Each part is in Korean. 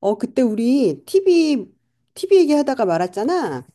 어, 그때 우리 TV 얘기하다가 말았잖아.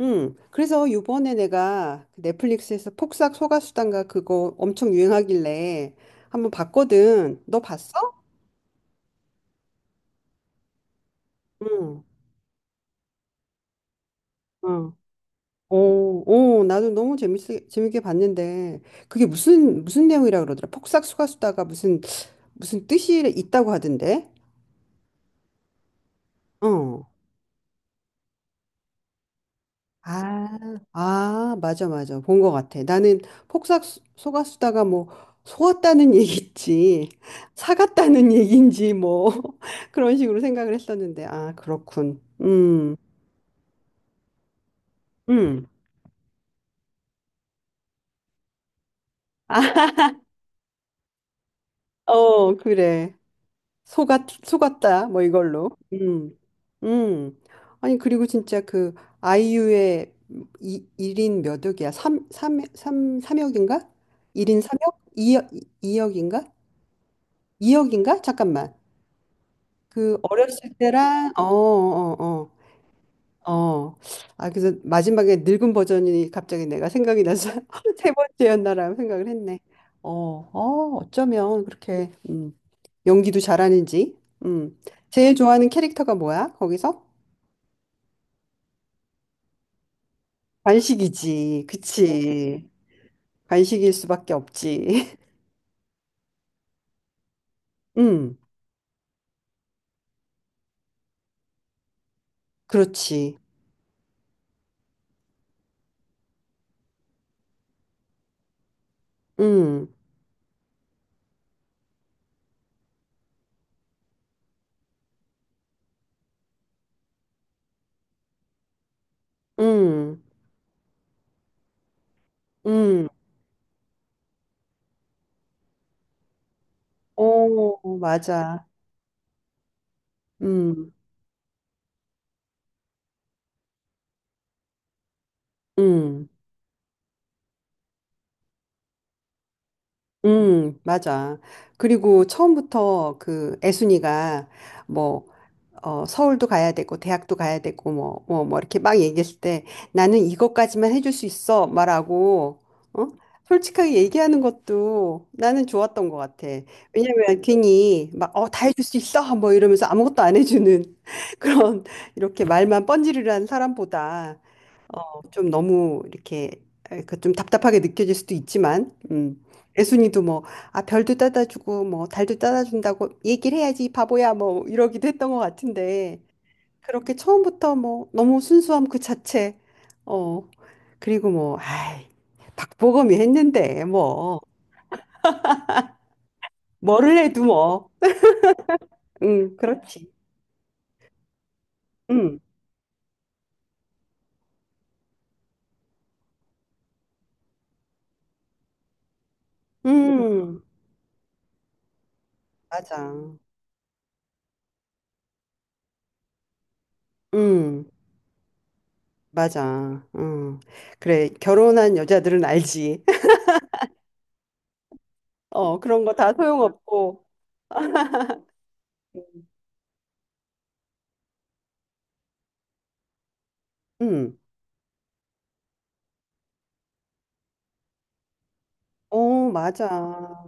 응. 그래서 요번에 내가 그 넷플릭스에서 폭삭 소가수단가 그거 엄청 유행하길래 한번 봤거든. 너 봤어? 응. 응. 오, 나도 너무 재밌게 봤는데, 그게 무슨 내용이라 그러더라. 폭삭 소가수다가 무슨 뜻이 있다고 하던데? 어. 아, 아, 맞아, 맞아. 본 것 같아. 나는 폭삭 속았수다가 뭐 속았다는 얘기지, 사갔다는 얘기인지 뭐 그런 식으로 생각을 했었는데, 아, 그렇군. 음. 아, 어, 그래. 속았다. 뭐 이걸로. 음. 아니, 그리고 진짜 그 아이유의 1인 몇 억이야? 삼삼삼삼억인가 1인 3억 2억, 이억인가 2억인가? 잠깐만. 그 어렸을 때랑 어, 어, 어, 어. 아, 그래서 마지막에 늙은 버전이 갑자기 내가 생각이 나서 세 번째였나라는 생각을 했네. 어, 어, 어쩌면 그렇게 연기도 잘하는지. 음. 제일 좋아하는 캐릭터가 뭐야? 거기서? 관식이지. 그치. 관식일 수밖에 없지. 음, 그렇지. 음, 음, 음. 오, 맞아. 음, 음. 맞아. 그리고 처음부터 그 애순이가 뭐, 서울도 가야 되고, 대학도 가야 되고, 뭐, 이렇게 막 얘기했을 때 나는 이것까지만 해줄 수 있어. 말하고, 어? 솔직하게 얘기하는 것도 나는 좋았던 것 같아. 왜냐면 괜히 막, 다 해줄 수 있어. 뭐 이러면서 아무것도 안 해주는 그런 이렇게 말만 번지르르한 사람보다 좀 너무 이렇게 그좀 답답하게 느껴질 수도 있지만, 애순이도 뭐, 아, 별도 따다주고, 뭐, 달도 따다준다고 얘기를 해야지, 바보야, 뭐, 이러기도 했던 것 같은데, 그렇게 처음부터 뭐, 너무 순수함 그 자체, 어, 그리고 뭐, 아이, 박보검이 했는데, 뭐, 뭐를 해도 뭐, 그렇지. 음, 음, 맞아. 음, 맞아. 그래, 결혼한 여자들은 알지. 그런 거 다 소용없고. 응. 어, 맞아.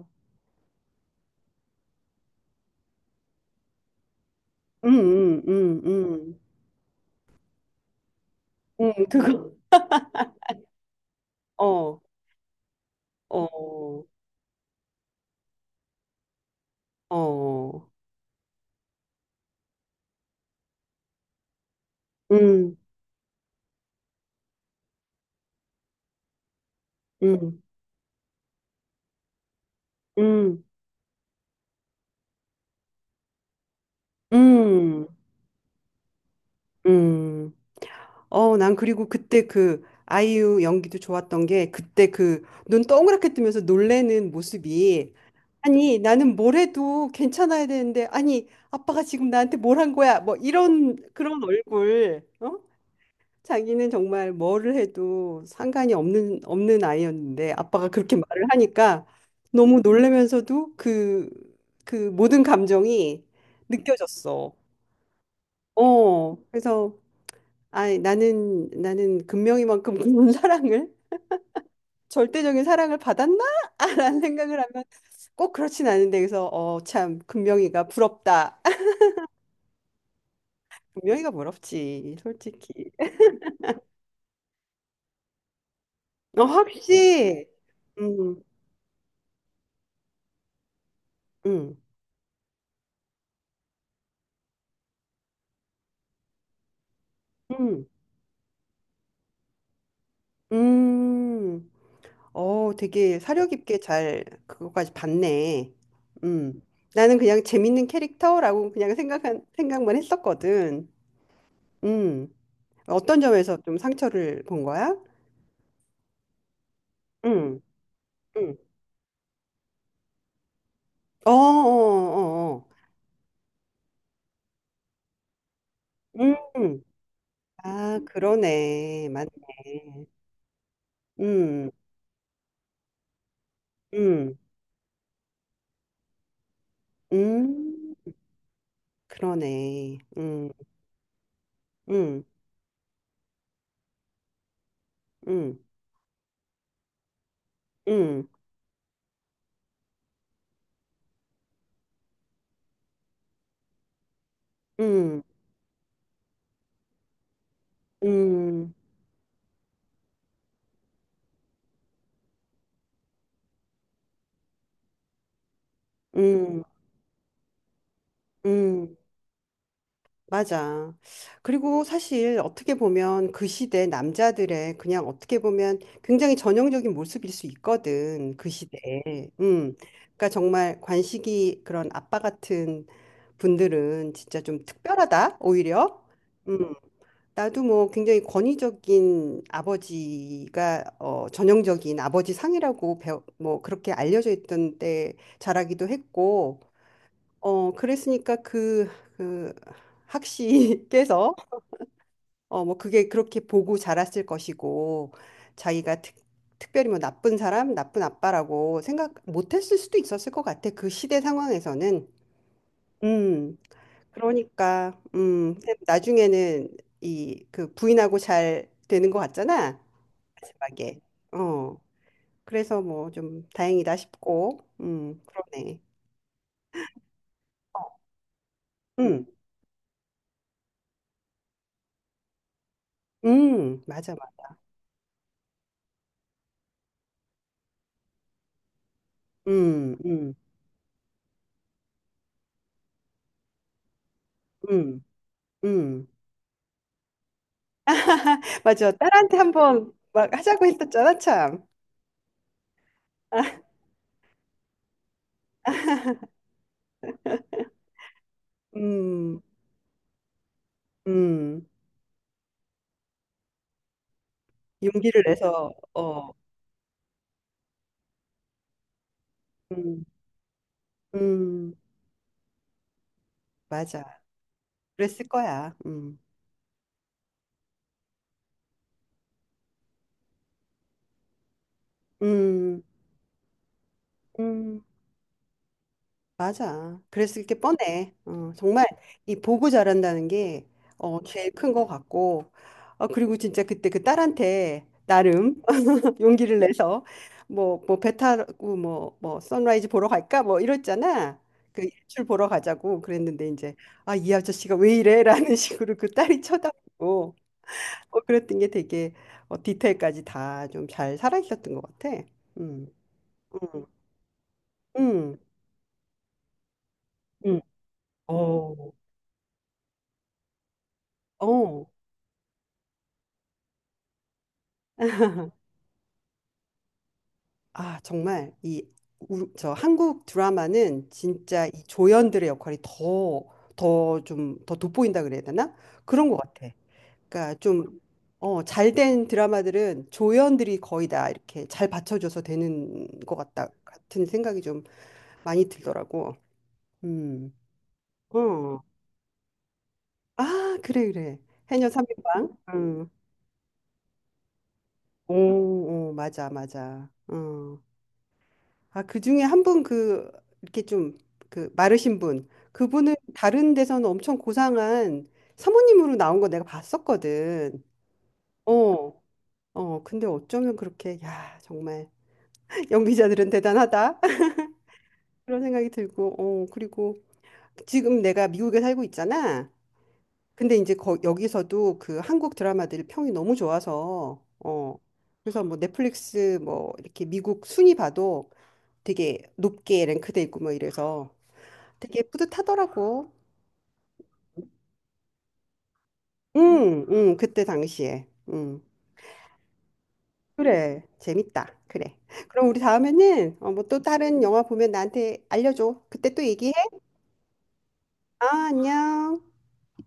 응, 응, 응, 응. 응, 그거. 어, 어, 어. 응, 응, 응, 응, 응. 난 그리고 그때 그 아이유 연기도 좋았던 게 그때 그 눈 동그랗게 뜨면서 놀래는 모습이 아니, 나는 뭘 해도 괜찮아야 되는데 아니, 아빠가 지금 나한테 뭘 한 거야? 뭐 이런 그런 얼굴. 어? 자기는 정말 뭐를 해도 상관이 없는 아이였는데 아빠가 그렇게 말을 하니까 너무 놀라면서도 그 모든 감정이 느껴졌어. 그래서 아, 나는 금명이만큼 그런 사랑을 절대적인 사랑을 받았나라는 생각을 하면 꼭 그렇진 않은데 그래서 참 금명이가 부럽다. 금명이가 부럽지, 솔직히. 어, 확실히. 음, 음, 음, 음. 되게 사려 깊게 잘 그거까지 봤네. 음. 나는 그냥 재밌는 캐릭터라고 그냥 생각한 생각만 했었거든. 음. 어떤 점에서 좀 상처를 본 거야? 음. 음. 어, 어, 어, 어. 음. 아, 그러네. 맞네. 음. 음. 음. 그러네. 음. 음. 음. 음. 음. 음. 음. 음. 맞아. 그리고 사실 어떻게 보면 그 시대 남자들의 그냥 어떻게 보면 굉장히 전형적인 모습일 수 있거든. 그 시대에. 음. 그러니까 정말 관식이 그런 아빠 같은 분들은 진짜 좀 특별하다, 오히려. 음. 나도 뭐 굉장히 권위적인 아버지가 전형적인 아버지 상이라고 배워, 뭐 그렇게 알려져 있던 때 자라기도 했고 그랬으니까 그 학시께서, 어, 뭐 그게 그렇게 보고 자랐을 것이고, 자기가 특별히 뭐 나쁜 사람, 나쁜 아빠라고 생각 못 했을 수도 있었을 것 같아. 그 시대 상황에서는. 음, 그러니까, 나중에는 그 부인하고 잘 되는 것 같잖아. 마지막에. 어, 그래서 뭐 좀 다행이다 싶고, 그러네. 음, 맞아, 맞아. 음, 음, 음. 음. 맞아. 딸한테 한번 막 하자고 했었잖아, 참. 음, 음. 용기를 내서, 어, 음, 음, 맞아. 그랬을 거야. 음, 음, 맞아. 그랬을 게 뻔해. 정말 이 보고 자란다는 게, 제일 큰 거 같고. 그리고 진짜 그때 그 딸한테 나름 용기를 내서 뭐 배 타고 뭐 선라이즈 보러 갈까 뭐 이랬잖아. 그 일출 보러 가자고 그랬는데 이제 아 이 아저씨가 왜 이래라는 식으로 그 딸이 쳐다보고 뭐 그랬던 게 되게 디테일까지 다 좀 잘 살아 있었던 것 같아. 음, 음, 음, 음. 어, 어. 아 정말 이 저 한국 드라마는 진짜 이 조연들의 역할이 더 좀 더 돋보인다 그래야 되나? 그런 것 같아. 그러니까 좀 잘된 드라마들은 조연들이 거의 다 이렇게 잘 받쳐줘서 되는 것 같다 같은 생각이 좀 많이 들더라고. 음. 어. 아, 그래 그래. 해녀 삼인방 응. 오, 오, 맞아 맞아. 어. 아, 그중에 한 분 그 이렇게 좀 그 마르신 분. 그분은 다른 데서는 엄청 고상한 사모님으로 나온 거 내가 봤었거든. 어. 근데 어쩌면 그렇게 야, 정말 연기자들은 대단하다. 그런 생각이 들고, 그리고 지금 내가 미국에 살고 있잖아. 근데 이제 여기서도 그 한국 드라마들이 평이 너무 좋아서, 그래서 뭐 넷플릭스 뭐 이렇게 미국 순위 봐도 되게 높게 랭크돼 있고 뭐 이래서 되게 뿌듯하더라고. 응, 응, 그때 당시에. 응. 그래, 재밌다. 그래. 그럼 우리 다음에는 뭐 또 다른 영화 보면 나한테 알려줘. 그때 또 얘기해. 아, 안녕.